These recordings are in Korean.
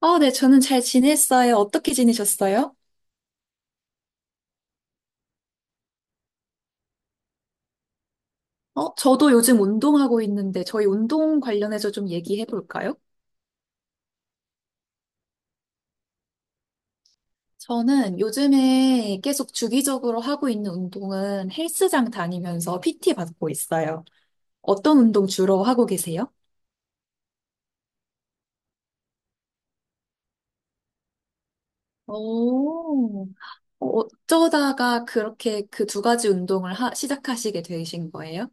아, 네, 저는 잘 지냈어요. 어떻게 지내셨어요? 저도 요즘 운동하고 있는데 저희 운동 관련해서 좀 얘기해 볼까요? 저는 요즘에 계속 주기적으로 하고 있는 운동은 헬스장 다니면서 PT 받고 있어요. 어떤 운동 주로 하고 계세요? 오, 어쩌다가 그렇게 그 두 가지 운동을 시작하시게 되신 거예요?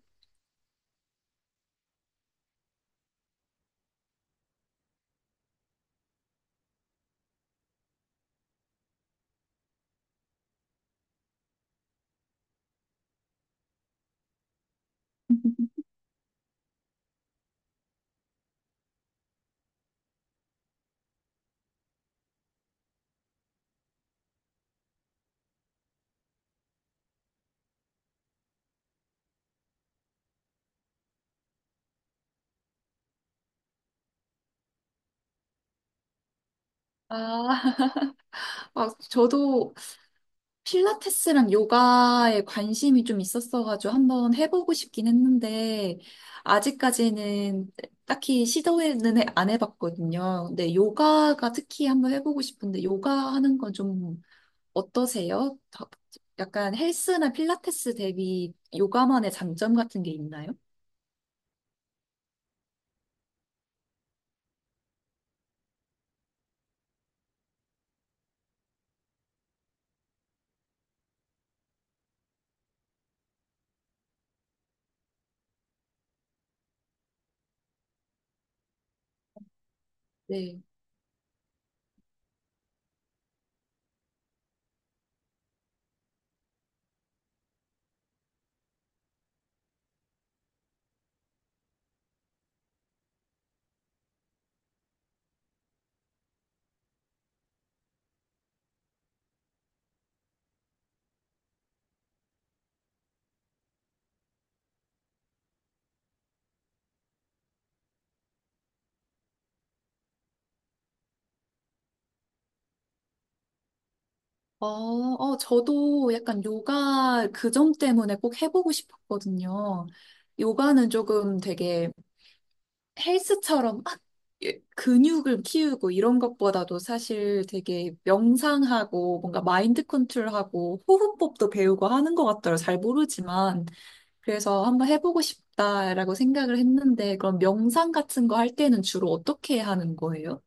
아, 아, 저도 필라테스랑 요가에 관심이 좀 있었어가지고 한번 해보고 싶긴 했는데, 아직까지는 딱히 시도는 안 해봤거든요. 근데 요가가 특히 한번 해보고 싶은데, 요가 하는 건 좀 어떠세요? 약간 헬스나 필라테스 대비 요가만의 장점 같은 게 있나요? 네. 저도 약간 요가 그 점 때문에 꼭 해보고 싶었거든요. 요가는 조금 되게 헬스처럼 막 예, 근육을 키우고 이런 것보다도 사실 되게 명상하고 뭔가 마인드 컨트롤하고 호흡법도 배우고 하는 것 같더라고요. 잘 모르지만. 그래서 한번 해보고 싶다라고 생각을 했는데 그럼 명상 같은 거 할 때는 주로 어떻게 하는 거예요?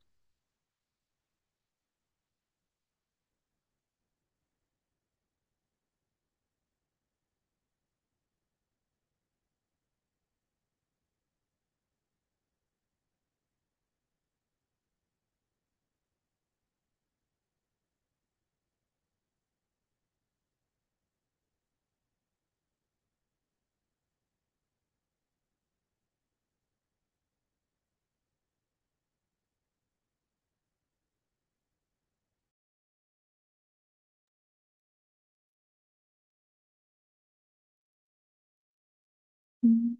음.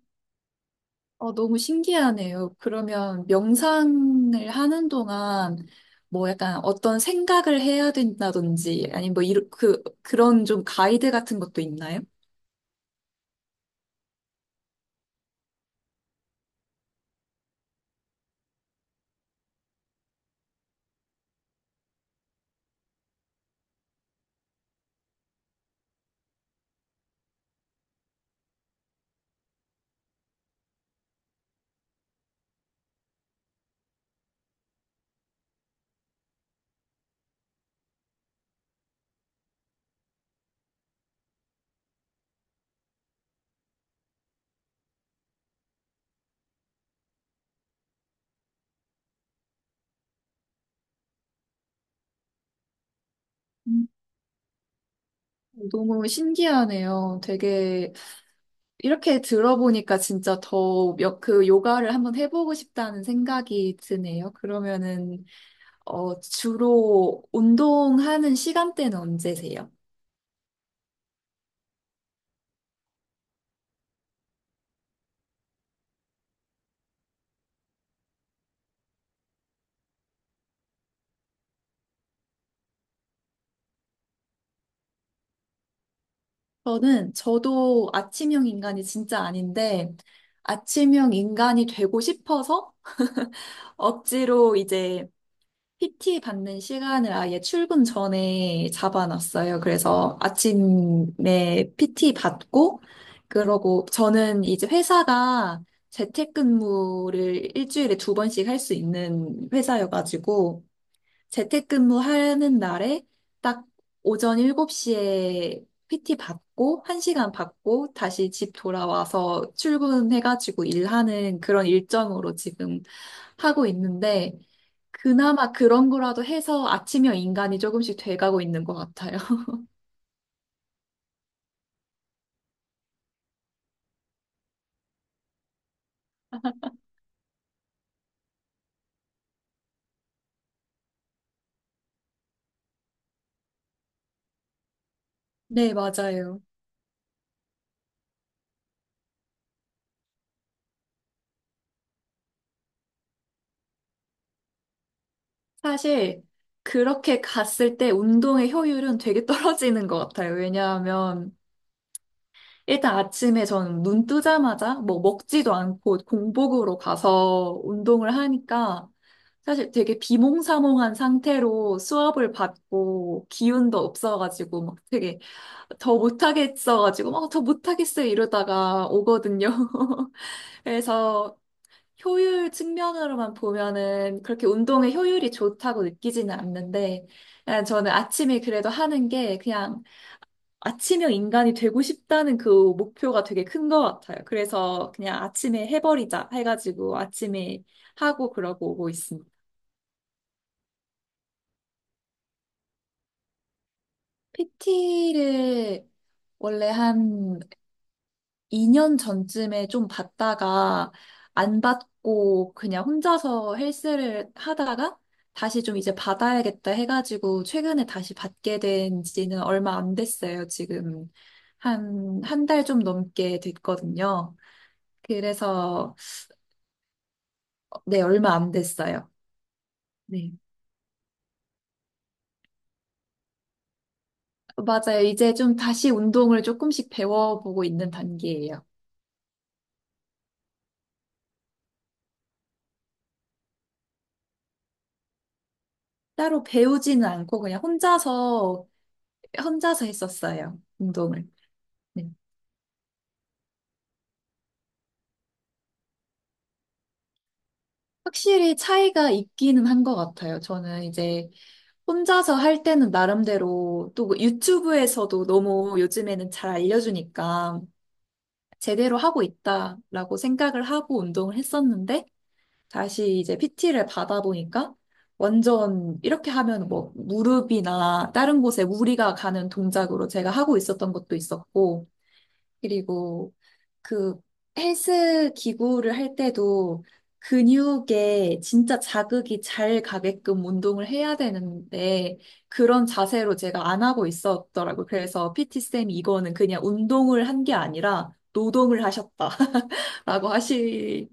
너무 신기하네요. 그러면 명상을 하는 동안 뭐 약간 어떤 생각을 해야 된다든지 아니면 뭐 이런 그런 좀 가이드 같은 것도 있나요? 너무 신기하네요. 되게 이렇게 들어보니까 진짜 더 그 요가를 한번 해보고 싶다는 생각이 드네요. 그러면은 주로 운동하는 시간대는 언제세요? 저는 저도 아침형 인간이 진짜 아닌데 아침형 인간이 되고 싶어서 억지로 이제 PT 받는 시간을 아예 출근 전에 잡아놨어요. 그래서 아침에 PT 받고, 그러고 저는 이제 회사가 재택근무를 일주일에 두 번씩 할 수 있는 회사여가지고, 재택근무 하는 날에 딱 오전 7시에 PT 받고, 1시간 받고, 다시 집 돌아와서 출근해가지고 일하는 그런 일정으로 지금 하고 있는데, 그나마 그런 거라도 해서 아침형 인간이 조금씩 돼가고 있는 것 같아요. 네, 맞아요. 사실 그렇게 갔을 때 운동의 효율은 되게 떨어지는 것 같아요. 왜냐하면 일단 아침에 저는 눈 뜨자마자 뭐 먹지도 않고 공복으로 가서 운동을 하니까 사실 되게 비몽사몽한 상태로 수업을 받고 기운도 없어가지고 막 되게 더 못하겠어가지고 막 더 못하겠어요 이러다가 오거든요. 그래서 효율 측면으로만 보면은 그렇게 운동의 효율이 좋다고 느끼지는 않는데 그냥 저는 아침에 그래도 하는 게 그냥 아침형 인간이 되고 싶다는 그 목표가 되게 큰 것 같아요. 그래서 그냥 아침에 해버리자 해가지고 아침에 하고 그러고 오고 있습니다. PT를 원래 한 2년 전쯤에 좀 받다가 안 받고 그냥 혼자서 헬스를 하다가 다시 좀 이제 받아야겠다 해가지고 최근에 다시 받게 된 지는 얼마 안 됐어요. 지금 한 달 좀 넘게 됐거든요. 그래서 네, 얼마 안 됐어요. 네. 맞아요. 이제 좀 다시 운동을 조금씩 배워보고 있는 단계예요. 따로 배우지는 않고 그냥 혼자서, 혼자서 했었어요. 운동을. 네. 확실히 차이가 있기는 한 것 같아요. 저는 이제 혼자서 할 때는 나름대로 또그 유튜브에서도 너무 요즘에는 잘 알려주니까 제대로 하고 있다라고 생각을 하고 운동을 했었는데 다시 이제 PT를 받아보니까 완전 이렇게 하면 뭐 무릎이나 다른 곳에 무리가 가는 동작으로 제가 하고 있었던 것도 있었고, 그리고 그 헬스 기구를 할 때도 근육에 진짜 자극이 잘 가게끔 운동을 해야 되는데 그런 자세로 제가 안 하고 있었더라고요. 그래서 PT쌤이 이거는 그냥 운동을 한 게 아니라 노동을 하셨다라고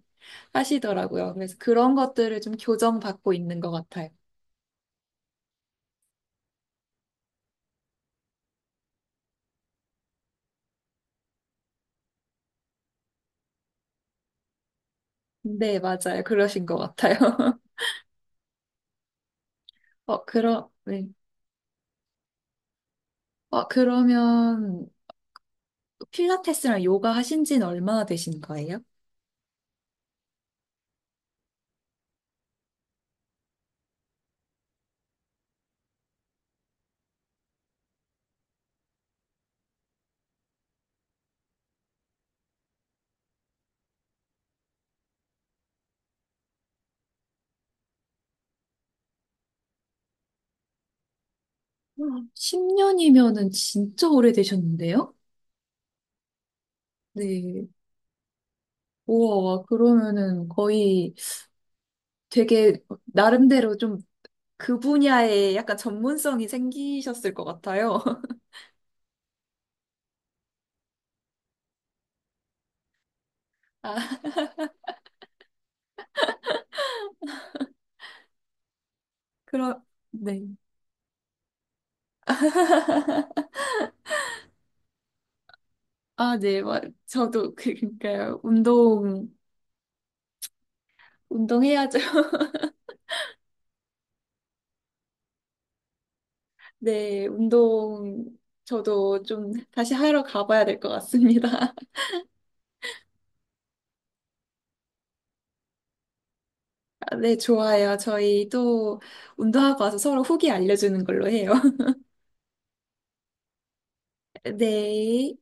하시더라고요. 그래서 그런 것들을 좀 교정받고 있는 것 같아요. 네, 맞아요. 그러신 것 같아요. 네. 그러면 필라테스랑 요가 하신 지는 얼마나 되신 거예요? 10년이면은 진짜 오래되셨는데요? 네. 우와, 와, 그러면은 거의 되게 나름대로 좀 그 분야에 약간 전문성이 생기셨을 것 같아요. 아, 그럼, 네. 아, 네. 와, 저도 그러니까요. 운동해야죠. 네, 운동 저도 좀 다시 하러 가봐야 될 것 같습니다. 아, 네, 좋아요. 저희 또 운동하고 와서 서로 후기 알려주는 걸로 해요. 네.